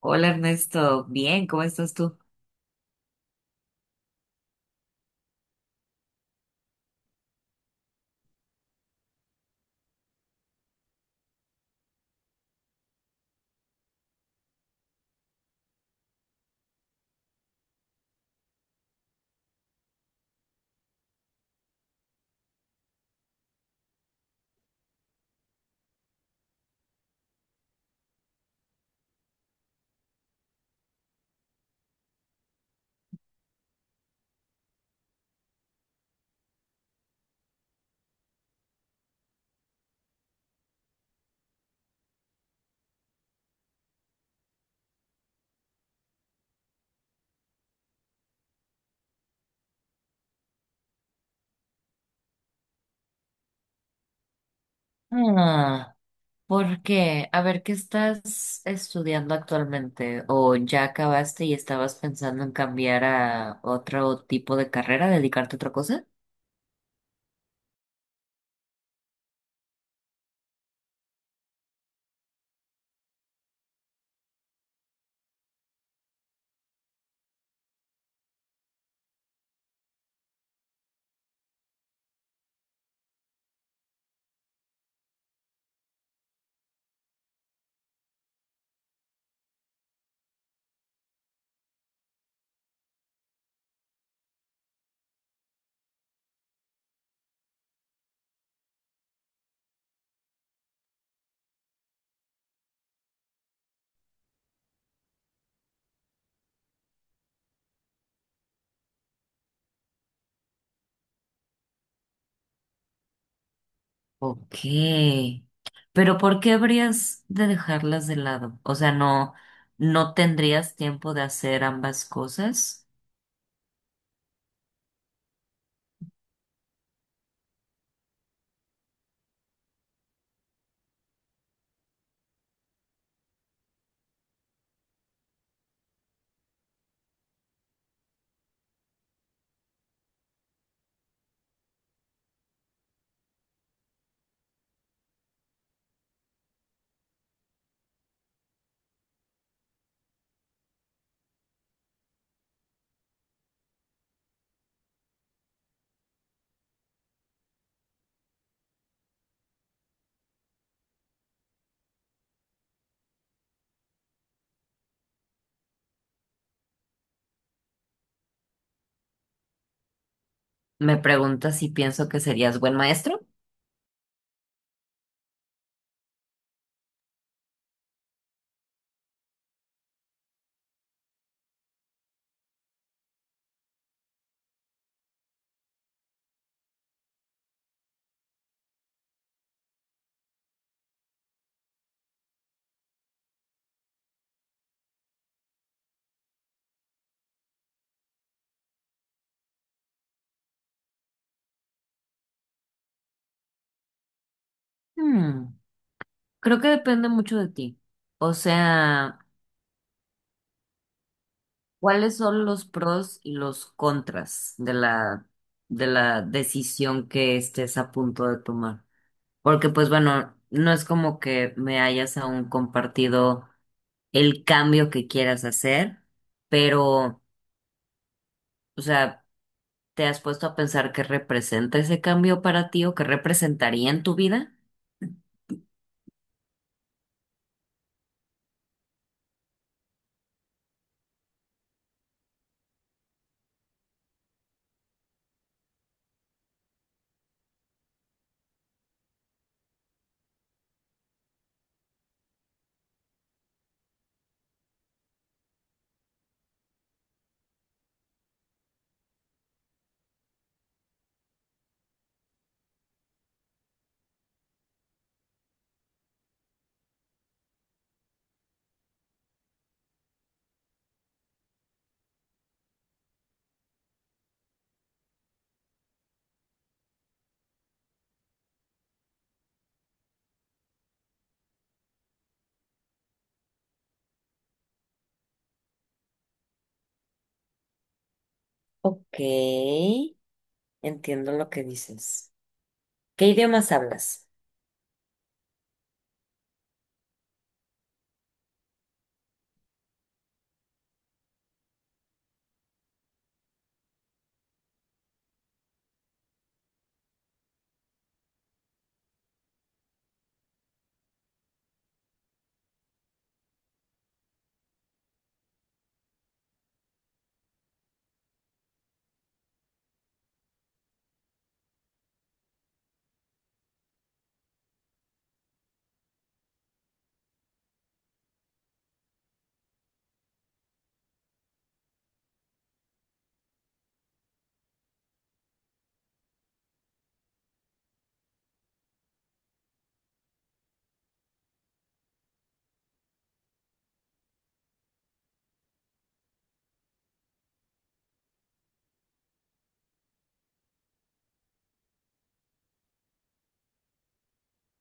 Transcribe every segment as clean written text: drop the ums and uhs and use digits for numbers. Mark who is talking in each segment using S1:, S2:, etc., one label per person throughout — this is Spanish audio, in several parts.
S1: Hola Ernesto, bien, ¿cómo estás tú? Ah, ¿por qué? A ver, ¿qué estás estudiando actualmente? ¿O ya acabaste y estabas pensando en cambiar a otro tipo de carrera, dedicarte a otra cosa? Ok, pero ¿por qué habrías de dejarlas de lado? O sea, no, no tendrías tiempo de hacer ambas cosas. Me preguntas si pienso que serías buen maestro. Hmm, Creo que depende mucho de ti. O sea. ¿Cuáles son los pros y los contras de la decisión que estés a punto de tomar? Porque pues bueno, no es como que me hayas aún compartido el cambio que quieras hacer, pero, o sea, ¿te has puesto a pensar qué representa ese cambio para ti o qué representaría en tu vida? Ok, entiendo lo que dices. ¿Qué idiomas hablas?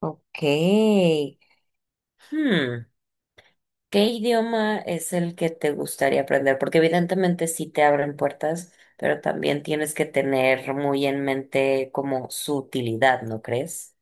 S1: Ok. Hmm. ¿Qué idioma es el que te gustaría aprender? Porque evidentemente sí te abren puertas, pero también tienes que tener muy en mente como su utilidad, ¿no crees?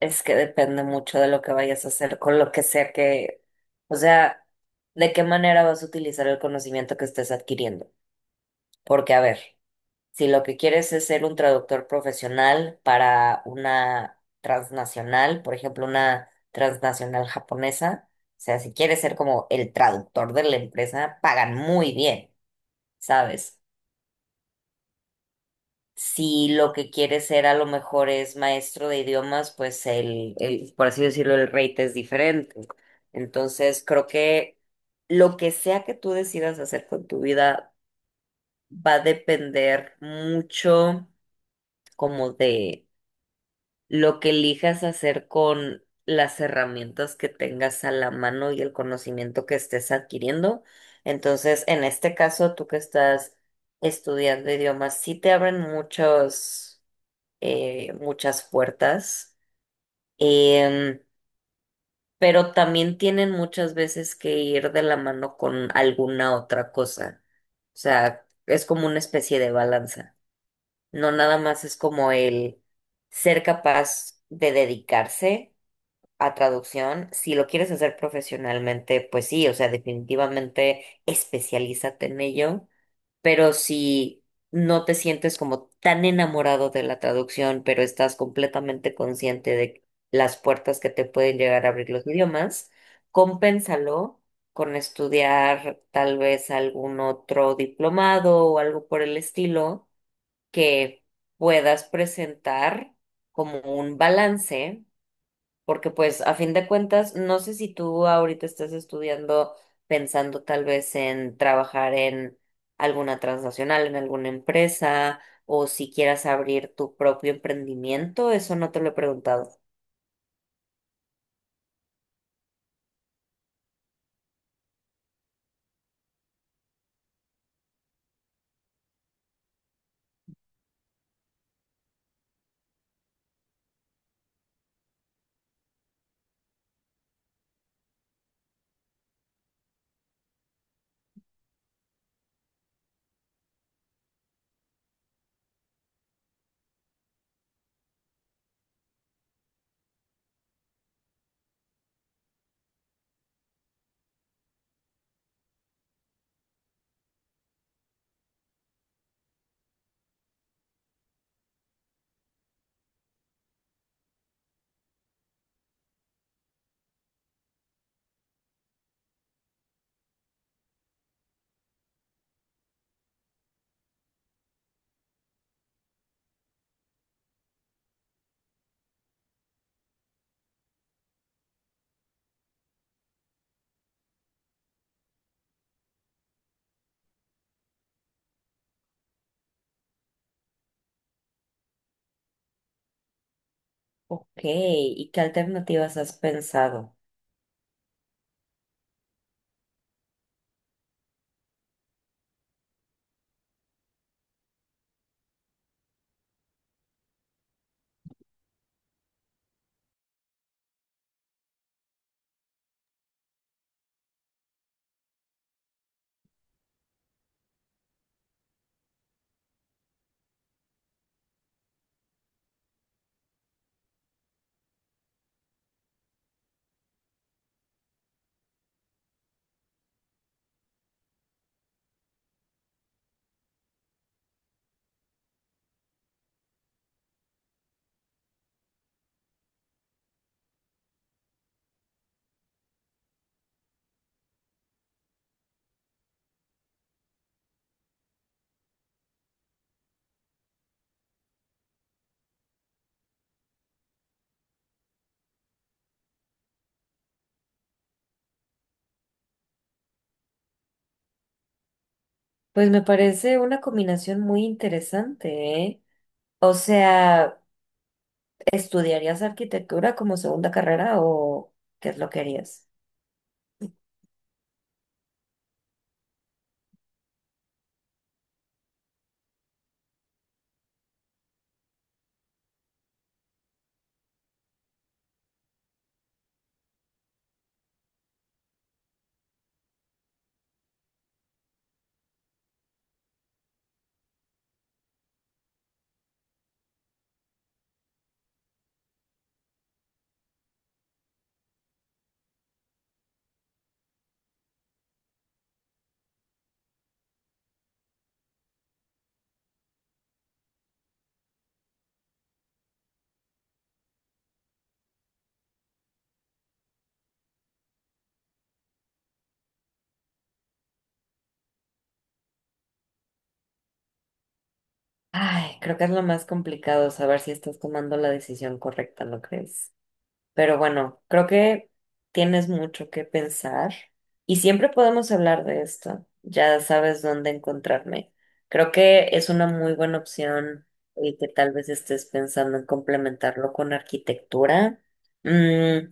S1: Es que depende mucho de lo que vayas a hacer con lo que sea que, o sea, de qué manera vas a utilizar el conocimiento que estés adquiriendo. Porque, a ver. Si lo que quieres es ser un traductor profesional para una transnacional, por ejemplo, una transnacional japonesa, o sea, si quieres ser como el traductor de la empresa, pagan muy bien, ¿sabes? Si lo que quieres ser a lo mejor es maestro de idiomas, pues el, por así decirlo, el rate es diferente. Entonces, creo que lo que sea que tú decidas hacer con tu vida va a depender mucho como de lo que elijas hacer con las herramientas que tengas a la mano y el conocimiento que estés adquiriendo. Entonces, en este caso, tú que estás estudiando idiomas, sí te abren muchos, muchas puertas, em, pero también tienen muchas veces que ir de la mano con alguna otra cosa. O sea, es como una especie de balanza. No nada más es como el ser capaz de dedicarse a traducción, si lo quieres hacer profesionalmente, pues sí, o sea, definitivamente especialízate en ello, pero si no te sientes como tan enamorado de la traducción, pero estás completamente consciente de las puertas que te pueden llegar a abrir los idiomas, compénsalo con estudiar tal vez algún otro diplomado o algo por el estilo que puedas presentar como un balance porque pues a fin de cuentas, no sé si tú ahorita estás estudiando pensando tal vez en trabajar en alguna transnacional, en alguna empresa, o si quieras abrir tu propio emprendimiento, eso no te lo he preguntado. Ok, ¿y qué alternativas has pensado? Pues me parece una combinación muy interesante, ¿eh? O sea, ¿estudiarías arquitectura como segunda carrera o qué es lo que harías? Ay, creo que es lo más complicado saber si estás tomando la decisión correcta, ¿no crees? Pero bueno, creo que tienes mucho que pensar y siempre podemos hablar de esto. Ya sabes dónde encontrarme. Creo que es una muy buena opción y que tal vez estés pensando en complementarlo con arquitectura. Mm,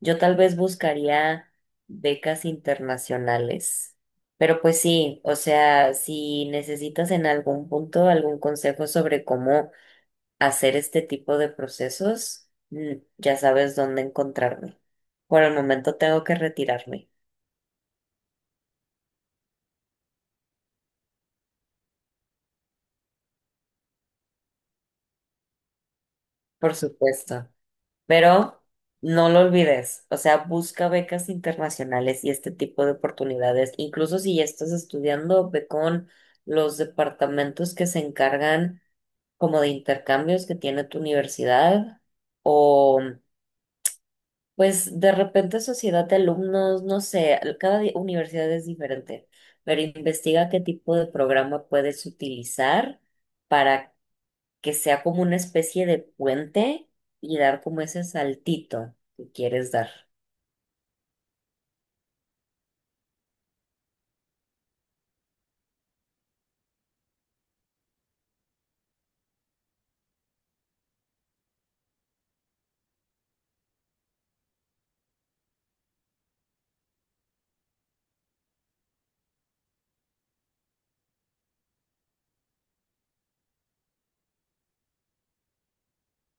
S1: yo tal vez buscaría becas internacionales. Pero pues sí, o sea, si necesitas en algún punto algún consejo sobre cómo hacer este tipo de procesos, ya sabes dónde encontrarme. Por el momento tengo que retirarme, por supuesto, pero no lo olvides, o sea, busca becas internacionales y este tipo de oportunidades. Incluso si ya estás estudiando, ve con los departamentos que se encargan como de intercambios que tiene tu universidad o... Pues de repente sociedad de alumnos, no sé, cada universidad es diferente, pero investiga qué tipo de programa puedes utilizar para que sea como una especie de puente y dar como ese saltito que quieres dar.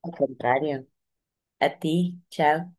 S1: Al contrario, a ti, chao.